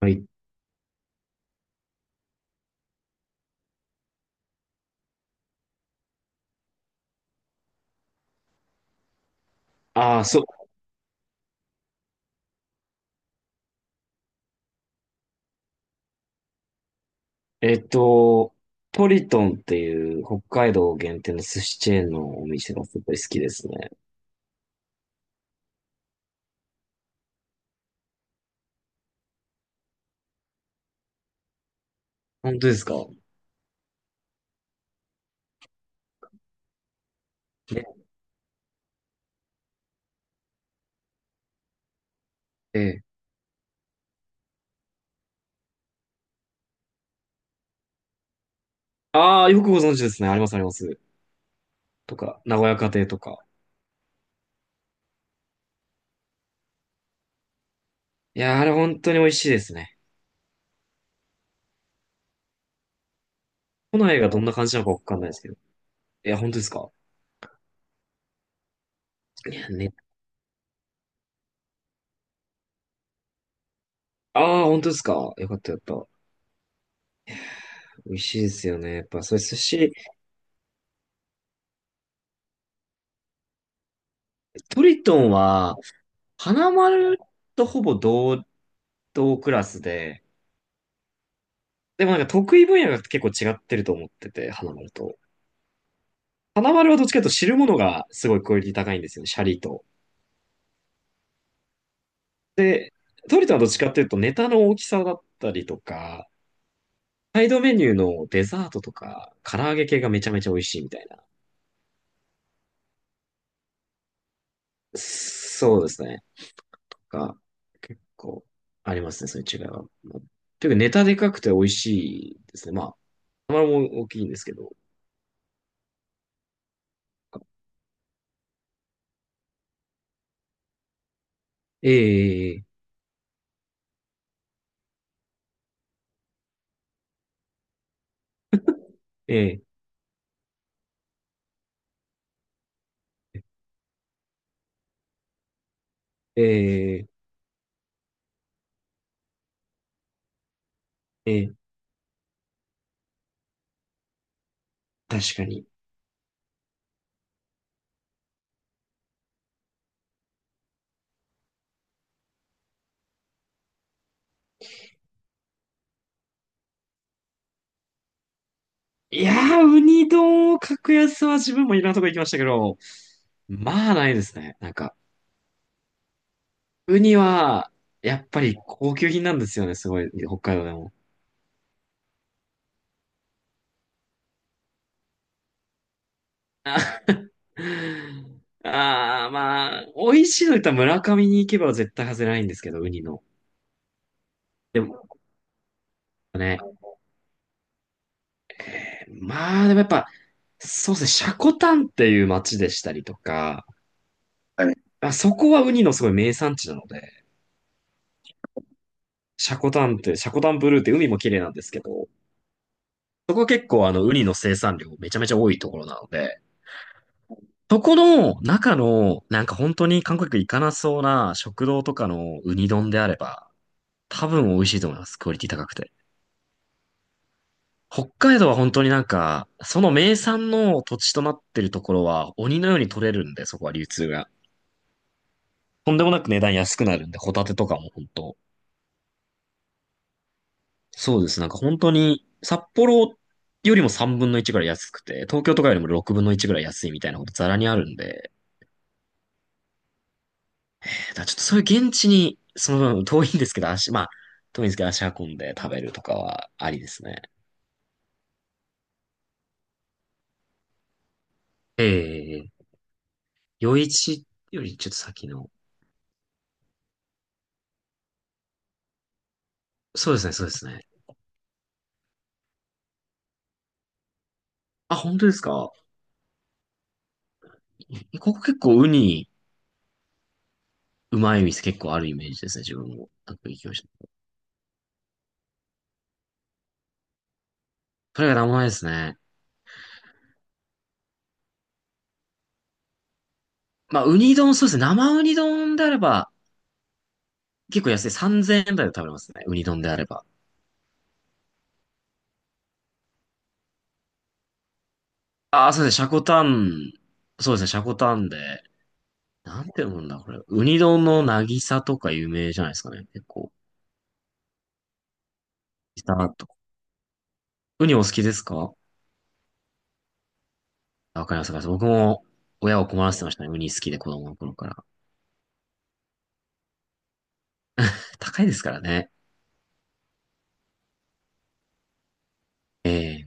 はい。ああ、そう。えっと、トリトンっていう北海道限定の寿司チェーンのお店がすごい好きですね。本当ですかね。ええ。ああ、よくご存知ですね。あります、あります。とか、名古屋家庭とか。いやー、あれ本当に美味しいですね。都内がどんな感じなのかわかんないですけど。いや、本当ですか。いやね。ああ、本当ですか。よかった、よかった。美味しいですよね。やっぱ、それ寿司、トリトンは、花丸とほぼ同等クラスで、でもなんか得意分野が結構違ってると思ってて、花丸と。花丸はどっちかというと知るものがすごいクオリティ高いんですよね、シャリと。で、トリトはどっちかというとネタの大きさだったりとか、サイドメニューのデザートとか、唐揚げ系がめちゃめちゃ美味しいみたいな。そうですね。が、結構ありますね、そういう違いは。まあというかネタでかくて美味しいですね。まあ、花丸も大きいんですけど。ええ、ええ、ええ、ええ、確かに。いやー、ウニ丼を格安は自分もいろんなとこ行きましたけど、まあないですね。なんか、ウニは、やっぱり高級品なんですよね、すごい、北海道でも。あ あー、まあ、美味しいの言ったら村上に行けば絶対外れないんですけど、ウニの。でもね、まあでもやっぱ、そうですね、積丹っていう町でしたりとか、はい。あ、そこはウニのすごい名産地なので、積丹って、積丹ブルーって海も綺麗なんですけど、そこ結構ウニの生産量めちゃめちゃ多いところなので、そこの中の、なんか本当に韓国行かなそうな食堂とかのウニ丼であれば、多分美味しいと思います。クオリティ高くて。北海道は本当になんか、その名産の土地となってるところは鬼のように取れるんで、そこは流通が。とんでもなく値段安くなるんで、ホタテとかも本当。そうです。なんか本当に、札幌よりも3分の1ぐらい安くて、東京とかよりも6分の1ぐらい安いみたいなことザラにあるんで、だからちょっとそういう現地に、その、遠いんですけど、足、まあ、遠いんですけど、足運んで食べるとかはありですね。ええ。夜市よりちょっと先の。そうですね、そうですね。あ、本当ですか。ここ結構ウニ、うまい店結構あるイメージですね、自分も。なんか行きました。それが生前ですね。まあ、ウニ丼、そうですね。生ウニ丼であれば、結構安い。3000円台で食べれますね。ウニ丼であれば。ああ、そうですね。シャコタン、そうですね。シャコタンで、なんて読むんだ、これ。ウニ丼の渚とか有名じゃないですかね。結構。渚とか。ウニお好きですか。あ、わかります、わかります。僕も親を困らせてましたね。ウニ好きで子供の頃から。高いですからね。ええ。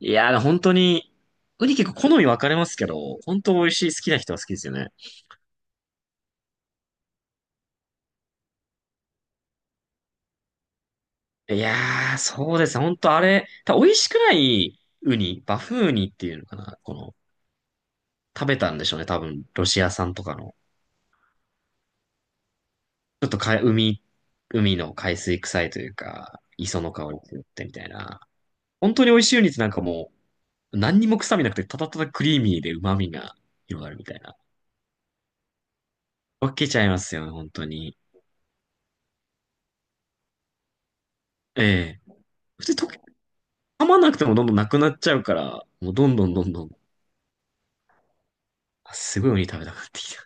いやー、本当に、ウニ結構好み分かれますけど、本当美味しい、好きな人は好きですよね。いやー、そうですね本当あれ、多分美味しくないウニ、バフウニっていうのかな。この、食べたんでしょうね。多分、ロシア産とかの。ちょっとか、海の海水臭いというか、磯の香りが強くてみたいな。本当に美味しいウニってなんかもう、何にも臭みなくて、ただただクリーミーで旨味が広がるみたいな。分けちゃいますよね、本当に。ええ。普通に溶け、噛まなくてもどんどんなくなっちゃうから、もうどんどんどんどん、あすごいウニ食べたくなってきた。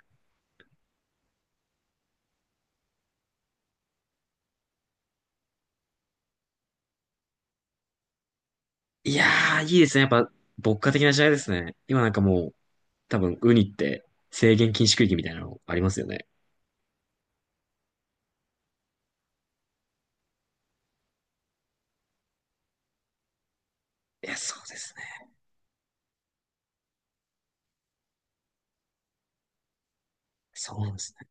いやー、いいですね。やっぱ、牧歌的な時代ですね。今なんかもう、多分、ウニって制限禁止区域みたいなのありますよね。いや、そうですね。そうなんですね。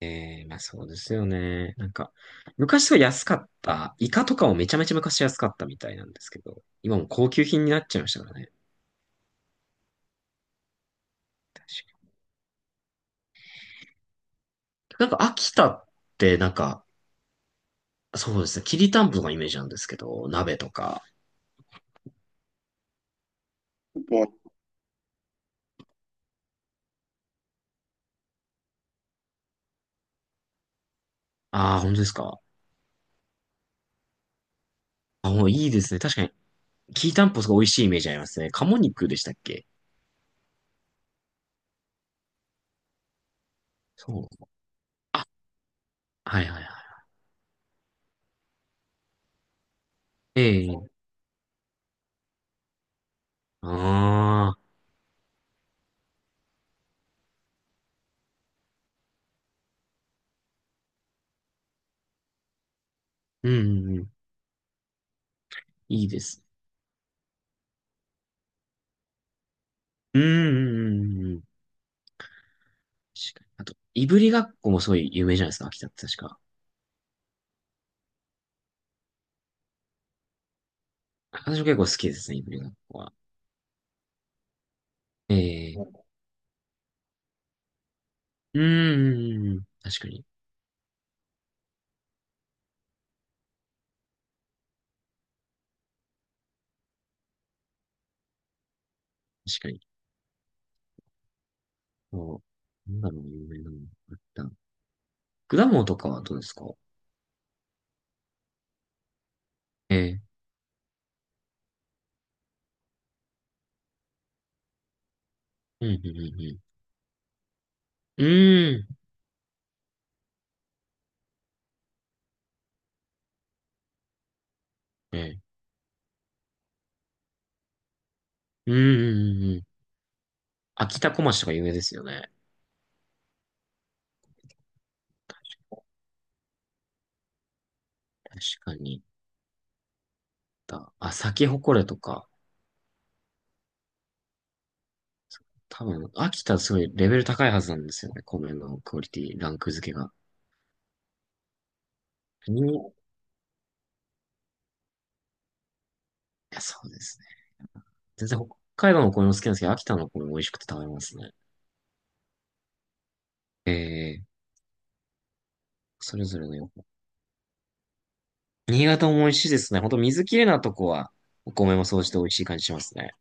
ええ。まあそうですよね。なんか、昔は安かった。イカとかもめちゃめちゃ昔安かったみたいなんですけど、今もう高級品になっちゃいましたからね。確かになんか秋田ってなんか、そうですね。きりたんぽのイメージなんですけど、鍋とか。もう。ああ、本当ですか。あ、もういいですね。確かに、きりたんぽすごい美味しいイメージありますね。鴨肉でしたっけ。そう。はいはいはい。ええ。ああ、うん、うんうん、いいです。うん、うん、うんうん。確かに。あと、いぶりがっこもすごい有名じゃないですか、秋田って確か。私も結構好きですね、いぶりがっこは。ええ。うーん。確かに。確かに。そう。なんだろう、有名なの。あった。果物とかはどうですか。ええ。うん、うん、うん、うん。うーん。ええ。うん、うん、うん。うん。秋田小町とか有名ですよね。確か確かに。だあ、咲き誇れとか。多分、秋田すごいレベル高いはずなんですよね。米のクオリティ、ランク付けが。うん。いや、そうですね。全然北海道のお米も好きなんですけど、秋田のお米も美味しくて食べますね。ええ、それぞれのよ。新潟も美味しいですね。ほんと水きれいなとこは、お米もそうして美味しい感じしますね。